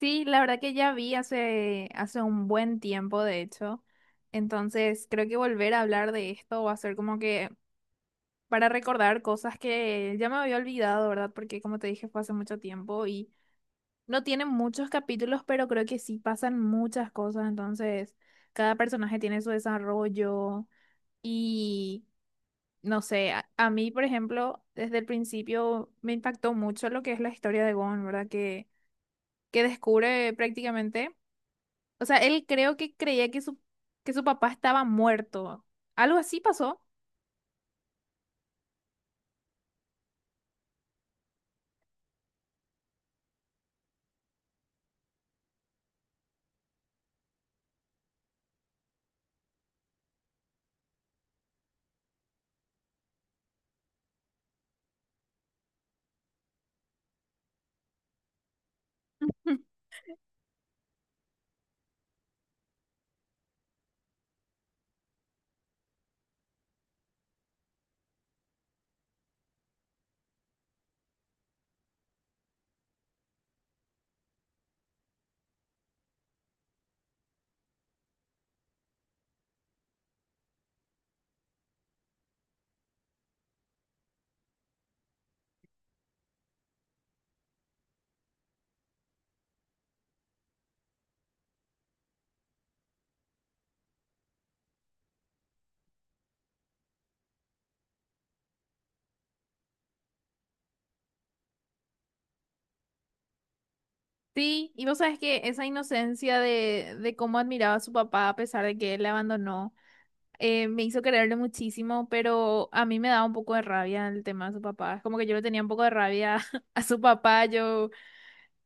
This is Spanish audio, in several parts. Sí, la verdad que ya vi hace un buen tiempo, de hecho. Entonces, creo que volver a hablar de esto va a ser como que para recordar cosas que ya me había olvidado, ¿verdad? Porque como te dije, fue hace mucho tiempo y no tienen muchos capítulos, pero creo que sí pasan muchas cosas. Entonces, cada personaje tiene su desarrollo y, no sé, a mí, por ejemplo, desde el principio me impactó mucho lo que es la historia de Gon, ¿verdad? Que descubre prácticamente. O sea, él creo que creía que que su papá estaba muerto. Algo así pasó. Sí, y vos sabes que esa inocencia de cómo admiraba a su papá a pesar de que él le abandonó, me hizo quererle muchísimo, pero a mí me daba un poco de rabia el tema de su papá. Es como que yo le tenía un poco de rabia a su papá, yo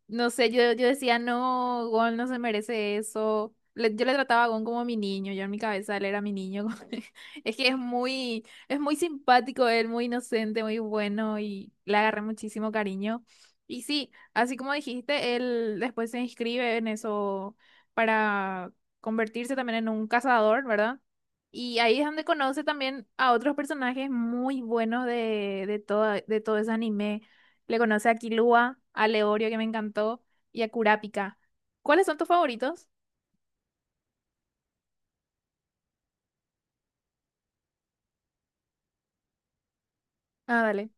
no sé, yo decía, no, Gon no se merece eso. Le- yo le trataba a Gon como mi niño, yo en mi cabeza él era mi niño. Es que es muy simpático él, muy inocente, muy bueno y le agarré muchísimo cariño. Y sí, así como dijiste, él después se inscribe en eso para convertirse también en un cazador, ¿verdad? Y ahí es donde conoce también a otros personajes muy buenos de todo ese anime. Le conoce a Kilua, a Leorio, que me encantó, y a Kurapika. ¿Cuáles son tus favoritos? Ah, dale.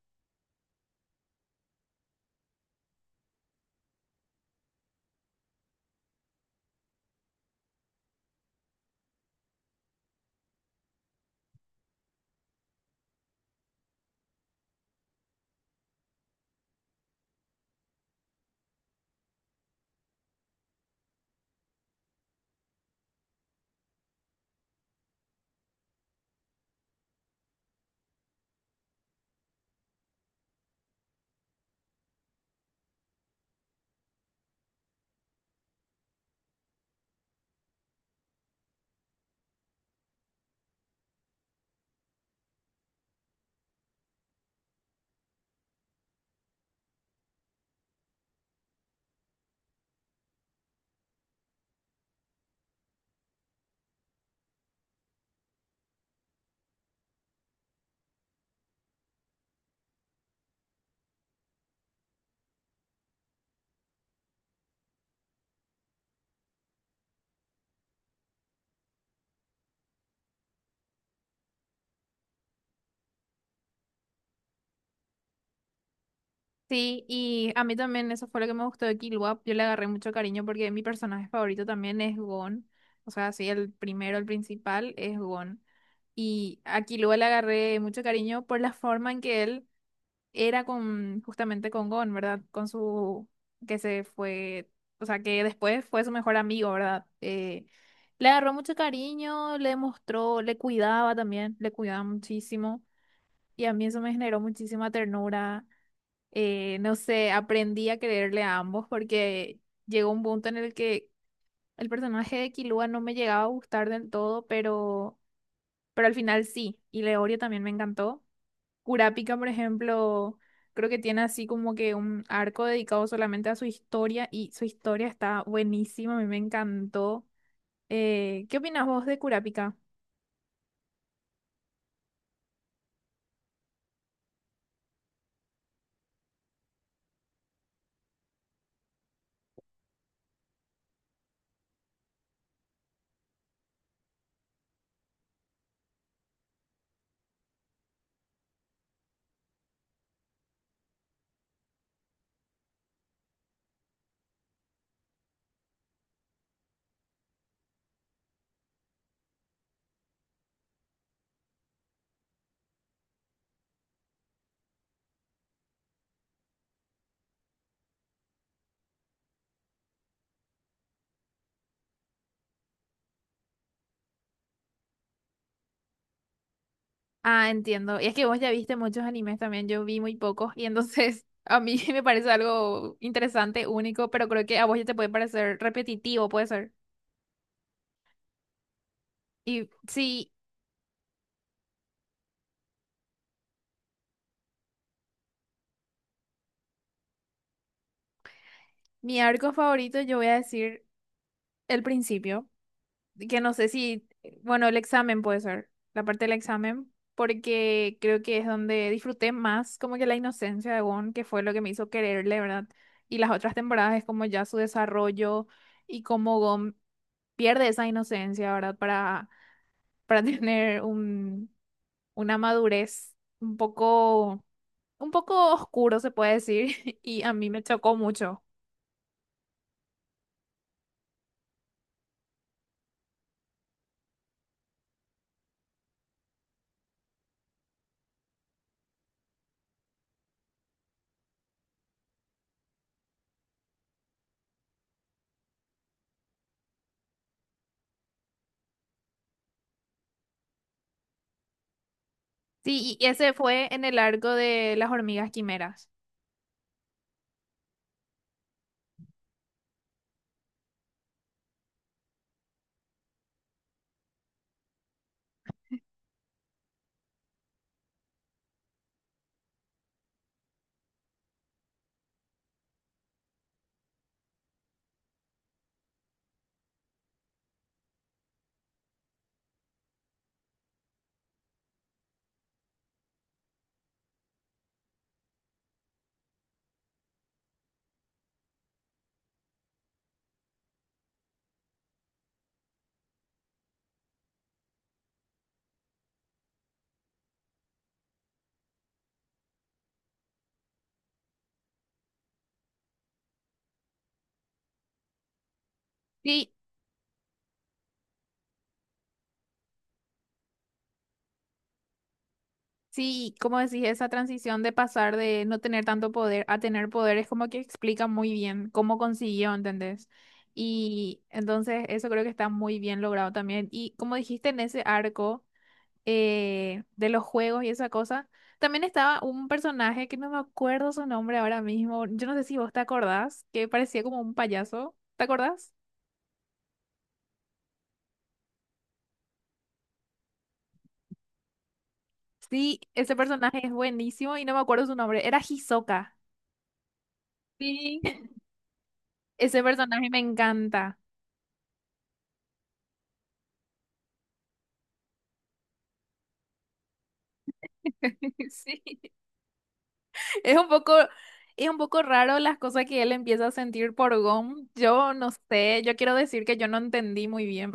Sí, y a mí también eso fue lo que me gustó de Killua. Yo le agarré mucho cariño porque mi personaje favorito también es Gon. O sea, sí, el primero, el principal es Gon. Y a Killua le agarré mucho cariño por la forma en que él era con justamente con Gon, ¿verdad? Con su que se fue, o sea, que después fue su mejor amigo, ¿verdad? Le agarró mucho cariño, le mostró, le cuidaba también, le cuidaba muchísimo y a mí eso me generó muchísima ternura. No sé, aprendí a quererle a ambos porque llegó un punto en el que el personaje de Killua no me llegaba a gustar del todo, pero al final sí, y Leorio también me encantó. Kurapika, por ejemplo, creo que tiene así como que un arco dedicado solamente a su historia y su historia está buenísima, a mí me encantó. ¿Qué opinas vos de Kurapika? Ah, entiendo. Y es que vos ya viste muchos animes también, yo vi muy pocos y entonces a mí me parece algo interesante, único, pero creo que a vos ya te puede parecer repetitivo, puede ser. Y sí, mi arco favorito yo voy a decir el principio. Que no sé si, bueno, el examen puede ser, la parte del examen, porque creo que es donde disfruté más como que la inocencia de Gon, que fue lo que me hizo quererle, ¿verdad? Y las otras temporadas es como ya su desarrollo y cómo Gon pierde esa inocencia, ¿verdad? Para tener un, una madurez un poco, un poco oscuro, se puede decir, y a mí me chocó mucho. Sí, y ese fue en el arco de las hormigas quimeras. Sí, sí, como decís, esa transición de pasar de no tener tanto poder a tener poder es como que explica muy bien cómo consiguió, ¿entendés? Y entonces eso creo que está muy bien logrado también. Y como dijiste en ese arco de los juegos y esa cosa, también estaba un personaje que no me acuerdo su nombre ahora mismo. Yo no sé si vos te acordás, que parecía como un payaso. ¿Te acordás? Sí, ese personaje es buenísimo y no me acuerdo su nombre. Era Hisoka. Sí. Ese personaje me encanta. Sí, es un poco, es un poco raro las cosas que él empieza a sentir por Gon. Yo no sé, yo quiero decir que yo no entendí muy bien.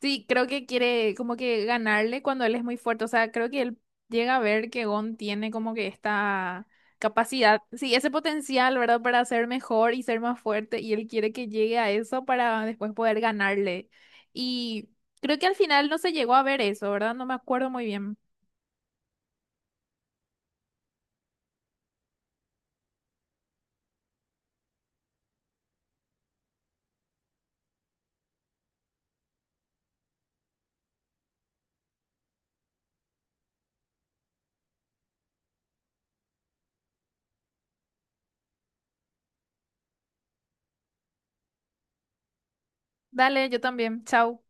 Sí, creo que quiere como que ganarle cuando él es muy fuerte. O sea, creo que él llega a ver que Gon tiene como que esta capacidad, sí, ese potencial, ¿verdad? Para ser mejor y ser más fuerte. Y él quiere que llegue a eso para después poder ganarle. Y creo que al final no se llegó a ver eso, ¿verdad? No me acuerdo muy bien. Dale, yo también. Chao.